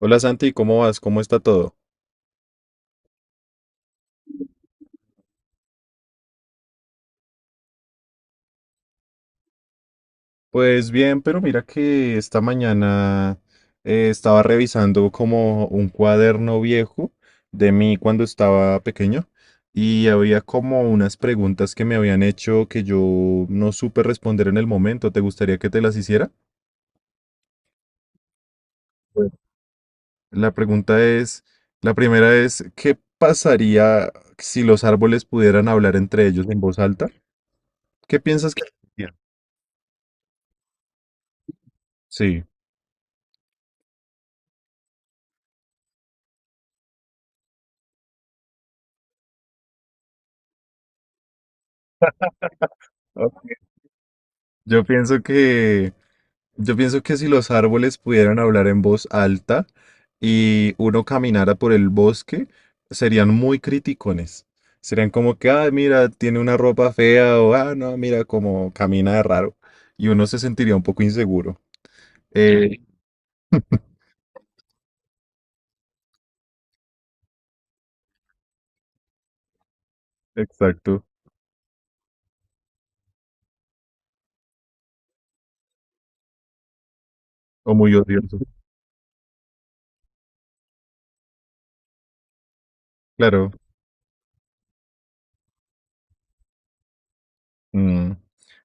Hola Santi, ¿cómo vas? ¿Cómo está todo? Pues bien, pero mira que esta mañana estaba revisando como un cuaderno viejo de mí cuando estaba pequeño y había como unas preguntas que me habían hecho que yo no supe responder en el momento. ¿Te gustaría que te las hiciera? Bueno. La pregunta es, la primera es, ¿qué pasaría si los árboles pudieran hablar entre ellos en voz alta? ¿Qué piensas que pasaría? Sí. Ah. Yo pienso que... Yo pienso que si los árboles pudieran hablar en voz alta y uno caminara por el bosque, serían muy criticones. Serían como que, ah, mira, tiene una ropa fea o, ah, no, mira, como camina de raro. Y uno se sentiría un poco inseguro. Sí, exacto. O muy odioso. Claro. Mm,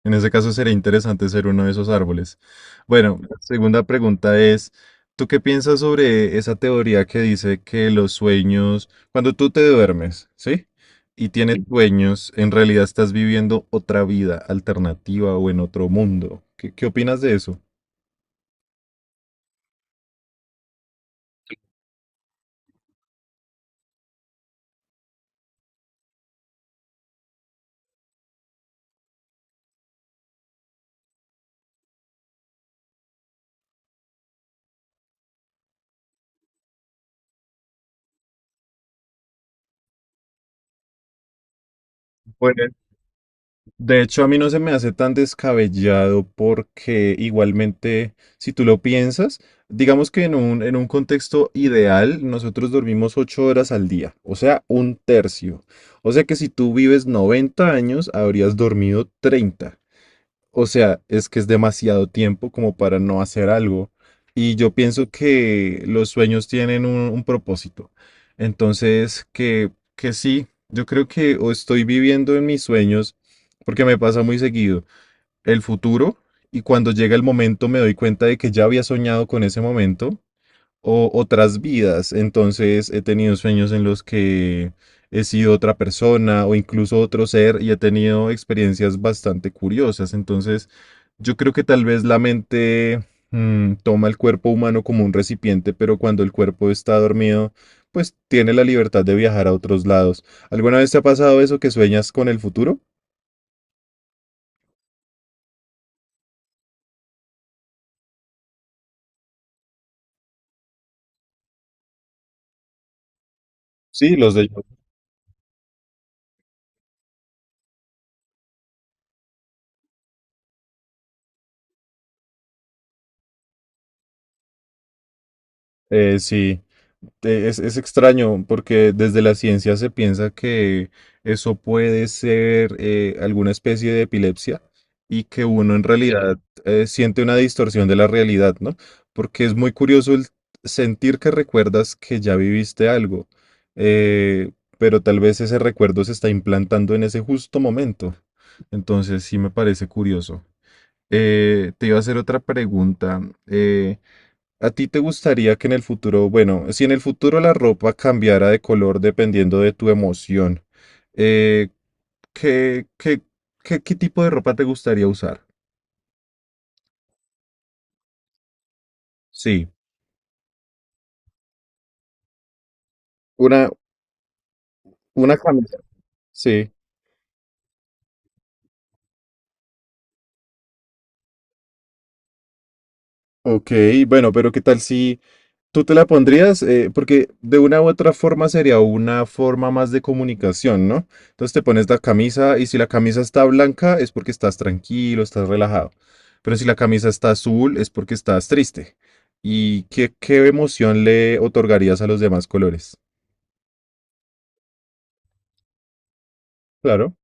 en ese caso sería interesante ser uno de esos árboles. Bueno, la segunda pregunta es, ¿tú qué piensas sobre esa teoría que dice que los sueños, cuando tú te duermes, sí, y tienes sí, sueños, en realidad estás viviendo otra vida alternativa o en otro mundo? ¿Qué, qué opinas de eso? De hecho, a mí no se me hace tan descabellado porque igualmente, si tú lo piensas, digamos que en un contexto ideal, nosotros dormimos 8 horas al día, o sea, un tercio. O sea que si tú vives 90 años, habrías dormido 30, o sea, es que es demasiado tiempo como para no hacer algo. Y yo pienso que los sueños tienen un propósito. Entonces, que sí, yo creo que o estoy viviendo en mis sueños, porque me pasa muy seguido, el futuro, y cuando llega el momento me doy cuenta de que ya había soñado con ese momento o otras vidas. Entonces he tenido sueños en los que he sido otra persona o incluso otro ser y he tenido experiencias bastante curiosas. Entonces yo creo que tal vez la mente toma el cuerpo humano como un recipiente, pero cuando el cuerpo está dormido, pues tiene la libertad de viajar a otros lados. ¿Alguna vez te ha pasado eso que sueñas con el futuro? Sí, los de... sí. Es extraño porque desde la ciencia se piensa que eso puede ser alguna especie de epilepsia y que uno en realidad siente una distorsión de la realidad, ¿no? Porque es muy curioso el sentir que recuerdas que ya viviste algo, eh, pero tal vez ese recuerdo se está implantando en ese justo momento. Entonces sí me parece curioso. Te iba a hacer otra pregunta. eh, ¿A ti te gustaría que en el futuro, bueno, si en el futuro la ropa cambiara de color dependiendo de tu emoción, eh, qué, qué, qué, qué tipo de ropa te gustaría usar? Sí, una, una camisa. Sí. Ok, bueno, pero ¿qué tal si... ¿Tú te la pondrías? Porque de una u otra forma sería una forma más de comunicación, ¿no? Entonces te pones la camisa y si la camisa está blanca es porque estás tranquilo, estás relajado. Pero si la camisa está azul es porque estás triste. ¿Y qué, qué emoción le otorgarías a los demás colores? Claro.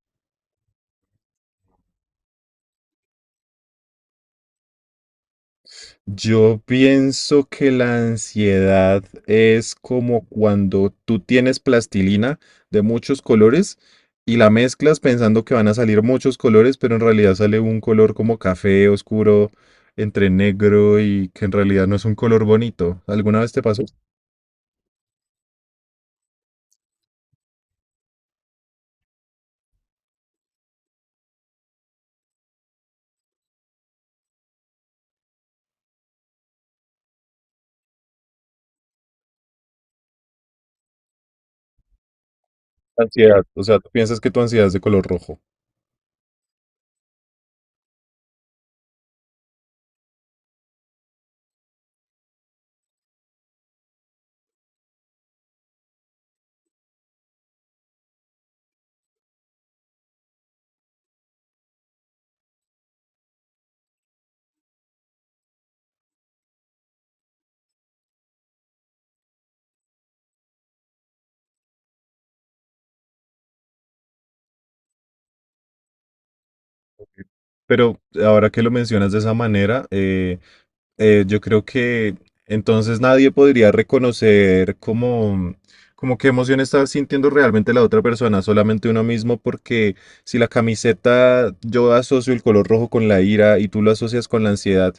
Yo pienso que la ansiedad es como cuando tú tienes plastilina de muchos colores y la mezclas pensando que van a salir muchos colores, pero en realidad sale un color como café oscuro, entre negro, y que en realidad no es un color bonito. ¿Alguna vez te pasó? Ansiedad. O sea, tú piensas que tu ansiedad es de color rojo. Pero ahora que lo mencionas de esa manera, yo creo que entonces nadie podría reconocer como, como qué emoción está sintiendo realmente la otra persona, solamente uno mismo, porque si la camiseta yo asocio el color rojo con la ira y tú lo asocias con la ansiedad,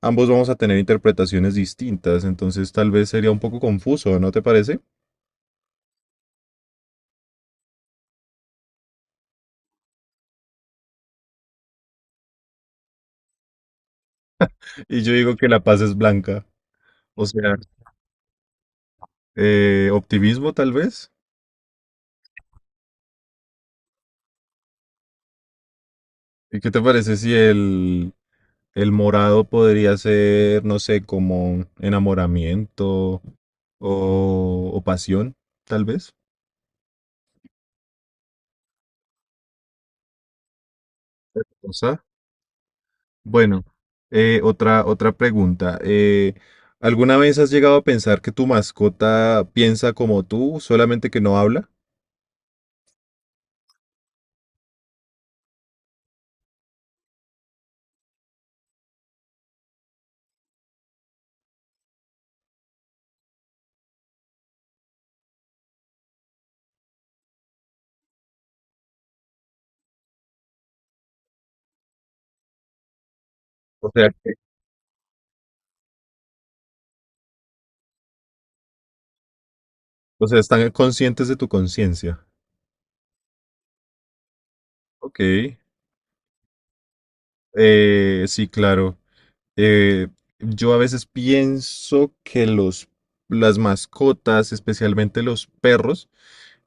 ambos vamos a tener interpretaciones distintas, entonces tal vez sería un poco confuso, ¿no te parece? Y yo digo que la paz es blanca, o sea, optimismo tal vez. ¿Y qué te parece si el... El morado podría ser, no sé, como enamoramiento o pasión, tal vez. O sea, bueno, otra, otra pregunta. ¿Alguna vez has llegado a pensar que tu mascota piensa como tú, solamente que no habla? O sea, que... o sea, están conscientes de tu conciencia. Ok, sí, claro. Eh, yo a veces pienso que los, las mascotas, especialmente los perros,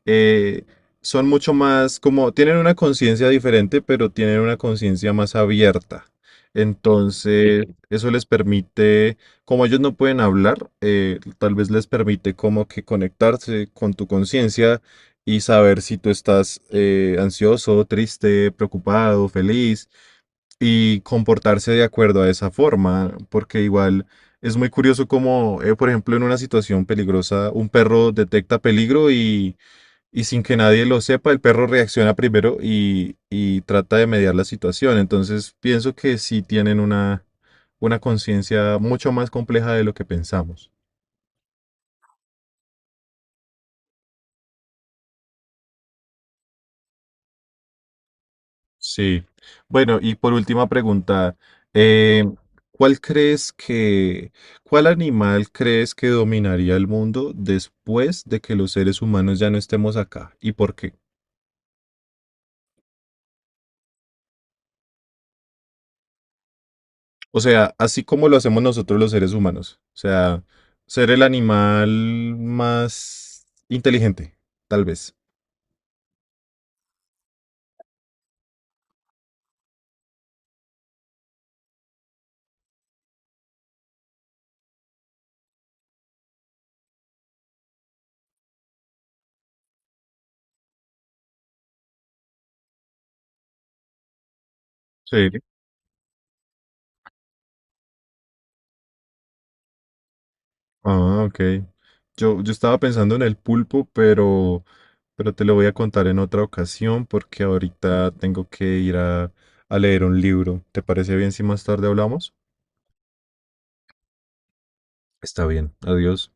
eh, son mucho más como, tienen una conciencia diferente, pero tienen una conciencia más abierta. Entonces, sí, eso les permite, como ellos no pueden hablar, tal vez les permite como que conectarse con tu conciencia y saber si tú estás ansioso, triste, preocupado, feliz, y comportarse de acuerdo a esa forma, porque igual... Es muy curioso como, por ejemplo, en una situación peligrosa, un perro detecta peligro y sin que nadie lo sepa, el perro reacciona primero y trata de mediar la situación. Entonces, pienso que sí tienen una conciencia mucho más compleja de lo que pensamos. Sí. Bueno, y por última pregunta, eh, ¿cuál crees que, cuál animal crees que dominaría el mundo después de que los seres humanos ya no estemos acá? ¿Y por qué? O sea, así como lo hacemos nosotros los seres humanos. O sea, ser el animal más inteligente, tal vez. Sí. Ah, ok. Yo estaba pensando en el pulpo, pero te lo voy a contar en otra ocasión porque ahorita tengo que ir a leer un libro. ¿Te parece bien si más tarde hablamos? Está bien. Adiós.